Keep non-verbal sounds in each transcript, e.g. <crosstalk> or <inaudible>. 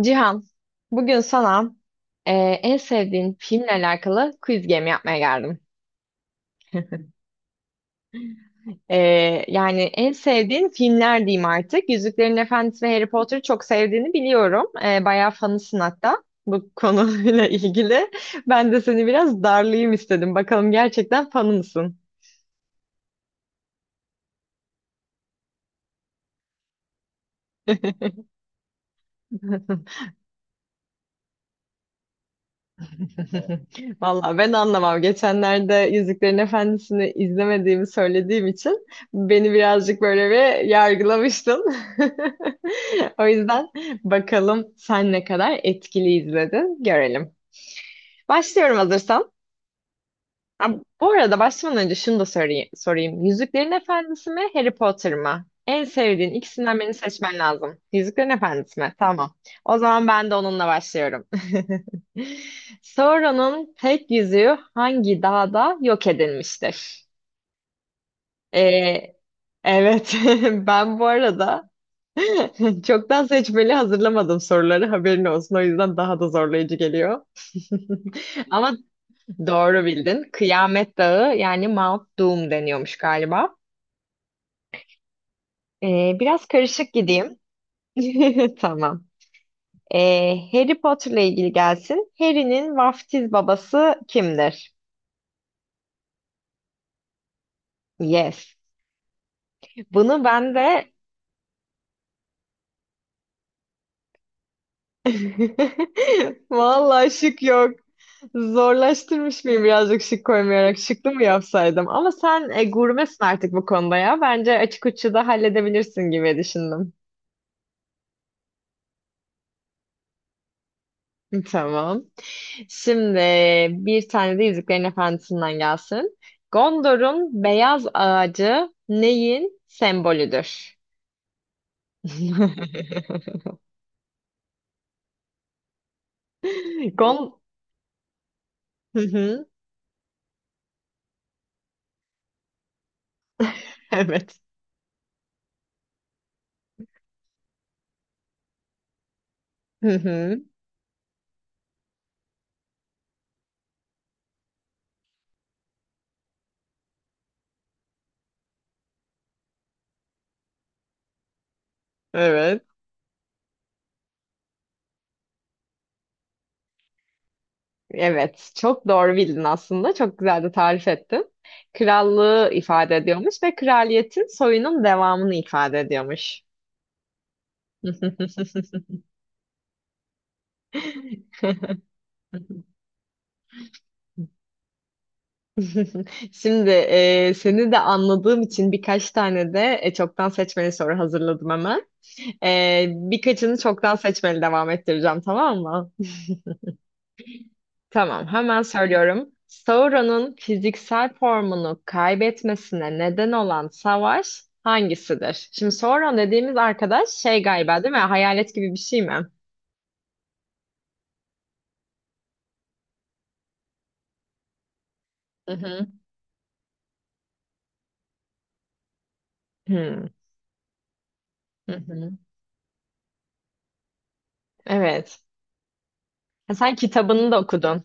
Cihan, bugün sana e, en sevdiğin filmle alakalı quiz game yapmaya geldim. E, Yani en sevdiğin filmler diyeyim artık. Yüzüklerin Efendisi ve Harry Potter'ı çok sevdiğini biliyorum. Bayağı fanısın hatta bu konuyla <laughs> ilgili. Ben de seni biraz darlayayım istedim. Bakalım gerçekten fanı mısın? <laughs> <laughs> Vallahi ben anlamam. Geçenlerde Yüzüklerin Efendisi'ni izlemediğimi söylediğim için beni birazcık böyle bir yargılamıştın. <laughs> O yüzden bakalım sen ne kadar etkili izledin görelim. Başlıyorum hazırsan. Ha, bu arada başlamadan önce şunu da sorayım. Yüzüklerin Efendisi mi, Harry Potter mı? En sevdiğin ikisinden birini seçmen lazım. Yüzüklerin Efendisi mi? Tamam. O zaman ben de onunla başlıyorum. <laughs> Sauron'un tek yüzüğü hangi dağda yok edilmiştir? Ee, evet, <laughs> ben bu arada <laughs> çoktan seçmeli hazırlamadım soruları. Haberin olsun. O yüzden daha da zorlayıcı geliyor. <laughs> Ama doğru bildin. Kıyamet Dağı yani Mount Doom deniyormuş galiba. Biraz karışık gideyim. <laughs> Tamam. Harry Potter'la ilgili gelsin. Harry'nin vaftiz babası kimdir? Yes. Bunu ben de <laughs> vallahi şık yok. Zorlaştırmış mıyım birazcık şık koymayarak? Şıklı mı yapsaydım? Ama sen gurmesin artık bu konuda ya. Bence açık uçlu da halledebilirsin gibi düşündüm. Tamam. Şimdi bir tane de Yüzüklerin Efendisi'nden gelsin. Gondor'un beyaz ağacı neyin sembolüdür? <laughs> Gon... Hı hı, evet. Hı hı, evet. Evet. Çok doğru bildin aslında. Çok güzel de tarif ettin. Krallığı ifade ediyormuş ve kraliyetin soyunun devamını ifade ediyormuş. <laughs> <laughs> Şimdi seni de anladığım için birkaç tane de çoktan seçmeli soru hazırladım hemen. Birkaçını çoktan seçmeli devam ettireceğim, tamam mı? Tamam, hemen söylüyorum. Sauron'un fiziksel formunu kaybetmesine neden olan savaş hangisidir? Şimdi Sauron dediğimiz arkadaş şey galiba değil mi? Hayalet gibi bir şey mi? Hı hı. Hmm, hı hı. Evet. Ha, sen kitabını da okudun.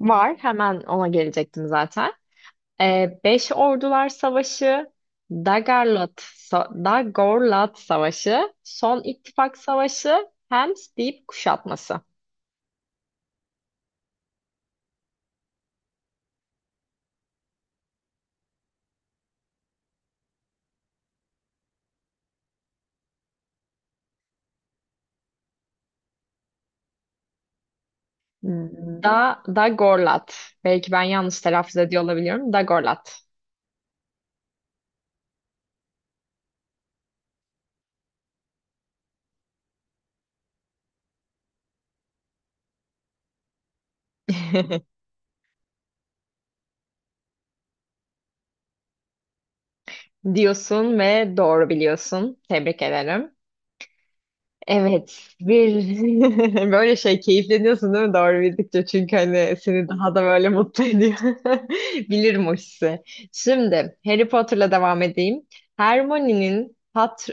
Var. Hemen ona gelecektim zaten. Beş Ordular Savaşı, Dagorlat, Dagorlat Savaşı, Son İttifak Savaşı, Hems Deyip Kuşatması. Dagorlat. Belki ben yanlış telaffuz ediyor olabiliyorum. Dagorlat. <laughs> Diyorsun ve doğru biliyorsun. Tebrik ederim. Evet, bir <laughs> böyle şey keyifleniyorsun değil mi doğru bildikçe çünkü hani seni daha da böyle mutlu ediyor. <laughs> Bilirim o hissi. Şimdi Harry Potter'la devam edeyim. Hermione'nin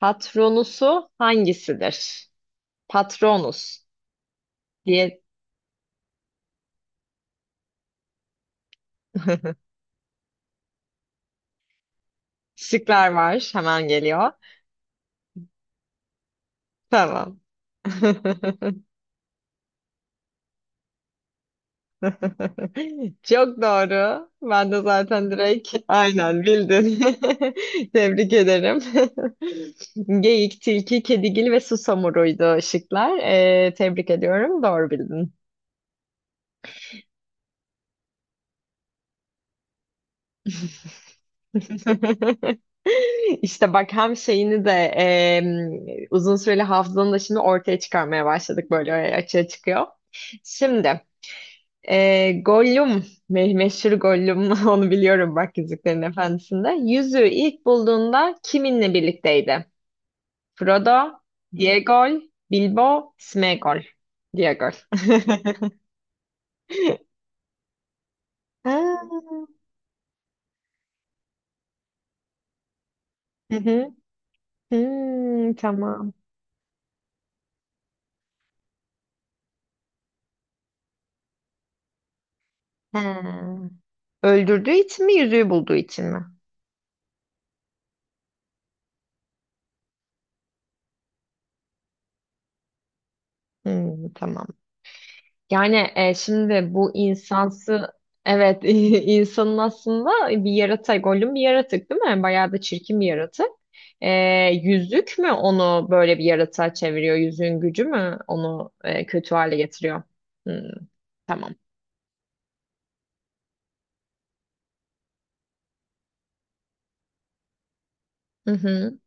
patronusu hangisidir? Patronus diye <laughs> şıklar var. Hemen geliyor. Tamam. <laughs> <laughs> Çok doğru. Ben de zaten direkt aynen bildin. <laughs> Tebrik ederim. <laughs> Geyik, tilki, kedigil ve susamuruydu şıklar. Tebrik ediyorum. Doğru bildin. <laughs> İşte bak hem şeyini de uzun süreli hafızanı da şimdi ortaya çıkarmaya başladık böyle açığa çıkıyor. Şimdi Gollum, meşhur Gollum <laughs> onu biliyorum bak Yüzüklerin Efendisi'nde. Yüzüğü ilk bulduğunda kiminle birlikteydi? Frodo, Diegol, Bilbo, Sméagol. Diegol. <laughs> Ha, hı hı. Hmm, tamam. Ha. Öldürdüğü için mi, yüzüğü bulduğu için mi? Hmm, tamam. Yani şimdi bu insansı evet <laughs> insanın aslında bir yaratık, Gollum bir yaratık değil mi? Bayağı da çirkin bir yaratık. E, Yüzük mü onu böyle bir yaratığa çeviriyor? Yüzüğün gücü mü onu kötü hale getiriyor? Hmm, tamam. Hı hı.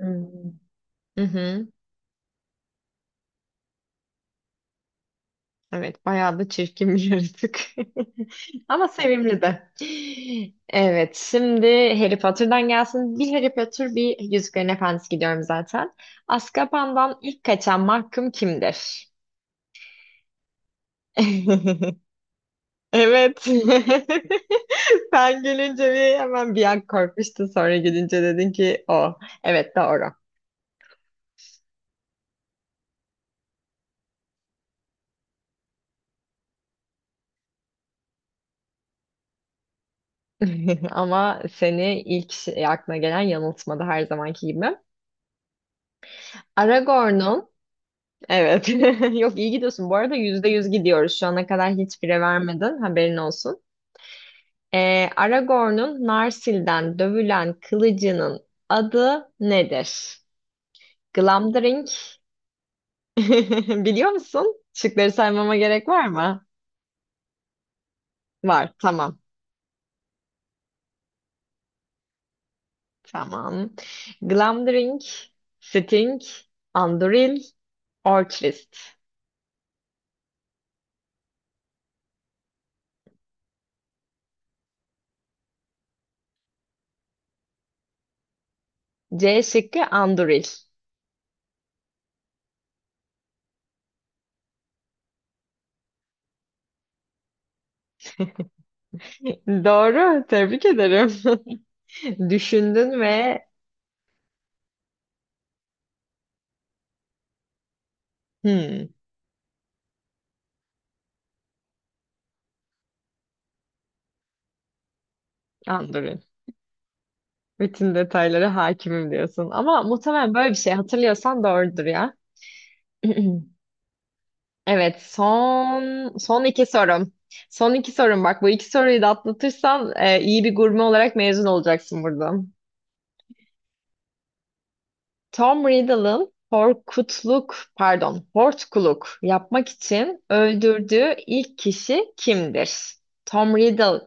Hmm. Hı hı. Evet, bayağı da çirkin bir yaratık. <laughs> Ama sevimli de. Evet, şimdi Harry Potter'dan gelsin. Bir Harry Potter, bir Yüzüklerin Efendisi gidiyorum zaten. Azkaban'dan ilk kaçan mahkum kimdir? <laughs> Evet. <laughs> Sen gülünce bir hemen bir an korkmuştun. Sonra gülünce dedin ki o. Evet, doğru. <laughs> Ama seni ilk aklına gelen yanıltmadı her zamanki gibi. Aragorn'un evet. <laughs> Yok, iyi gidiyorsun. Bu arada yüzde yüz gidiyoruz. Şu ana kadar hiçbire vermedin. Haberin olsun. Aragorn'un Narsil'den dövülen kılıcının adı nedir? Glamdring. <laughs> Biliyor musun? Şıkları saymama gerek var mı? Var. Tamam. Tamam. Glamdring, Sting, Anduril, Orcrist. C şıkkı Anduril. <laughs> Doğru. Tebrik ederim. <laughs> Düşündün ve hmm, Anduril. Bütün detaylara hakimim diyorsun. Ama muhtemelen böyle bir şey hatırlıyorsan doğrudur ya. <clears throat> Evet, son iki sorum. Son iki sorum bak. Bu iki soruyu da atlatırsan iyi bir gurme olarak mezun olacaksın buradan. Tom Riddle'ın Horkutluk, pardon, Hortkuluk yapmak için öldürdüğü ilk kişi kimdir? Tom Riddle,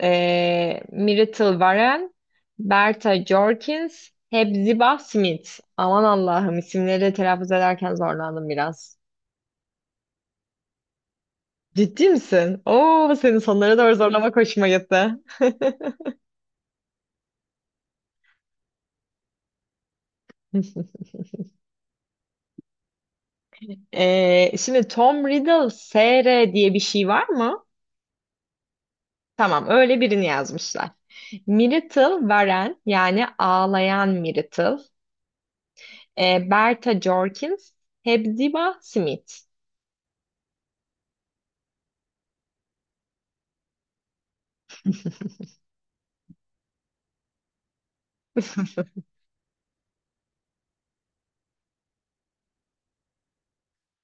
Myrtle Varen, Berta Jorkins, Hepzibah Smith. Aman Allah'ım, isimleri telaffuz ederken zorlandım biraz. Ciddi misin? Oo, senin sonlara doğru zorlamak hoşuma gitti. <laughs> Şimdi Tom Riddle SR diye bir şey var mı? Tamam, öyle birini yazmışlar. Myrtle Warren yani ağlayan Myrtle. Berta Jorkins, Hepzibah Smith.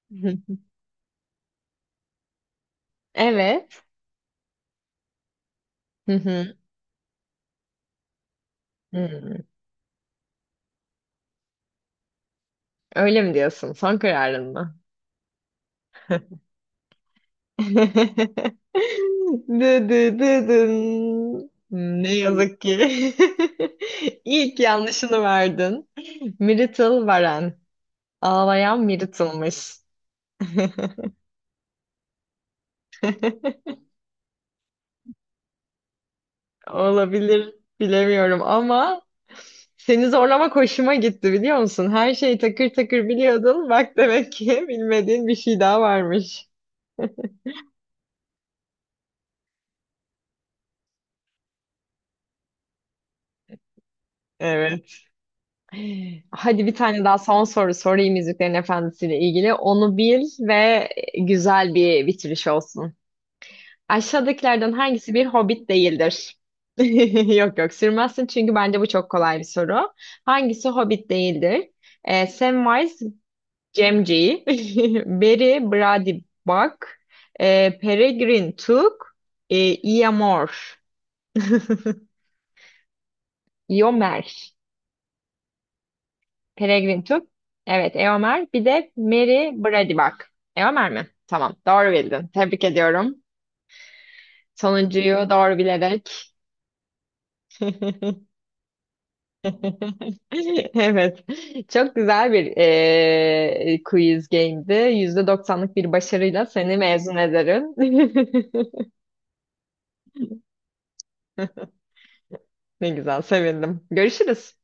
<laughs> Evet. <laughs> Hmm, öyle mi diyorsun? Son kararın mı? <laughs> Dı dı dı dın. Hmm, ne yazık ki. <laughs> İlk yanlışını verdin. Myrtle Varen. Ağlayan Myrtle'mış. <laughs> Olabilir, bilemiyorum ama seni zorlamak hoşuma gitti biliyor musun? Her şeyi takır takır biliyordun. Bak demek ki <laughs> bilmediğin bir şey daha varmış. Evet. Hadi bir tane daha son soru sorayım Yüzüklerin Efendisi ile ilgili. Onu bil ve güzel bir bitiriş olsun. Aşağıdakilerden hangisi bir hobbit değildir? <laughs> Yok, yok sürmezsin çünkü bence bu çok kolay bir soru. Hangisi hobbit değildir? Samwise Gamgee, <laughs> Beri Brandybuck, Peregrine Took, e, Eomer. <laughs> Eomer. Peregrin Tüp. Evet, Eomer. Bir de Mary Brady Eomer mi? Tamam, doğru bildin. Tebrik ediyorum. Sonuncuyu doğru bilerek. <laughs> Evet, çok güzel bir quiz game'di. %90'lık bir başarıyla seni mezun ederim. <laughs> Ne güzel, sevindim. Görüşürüz.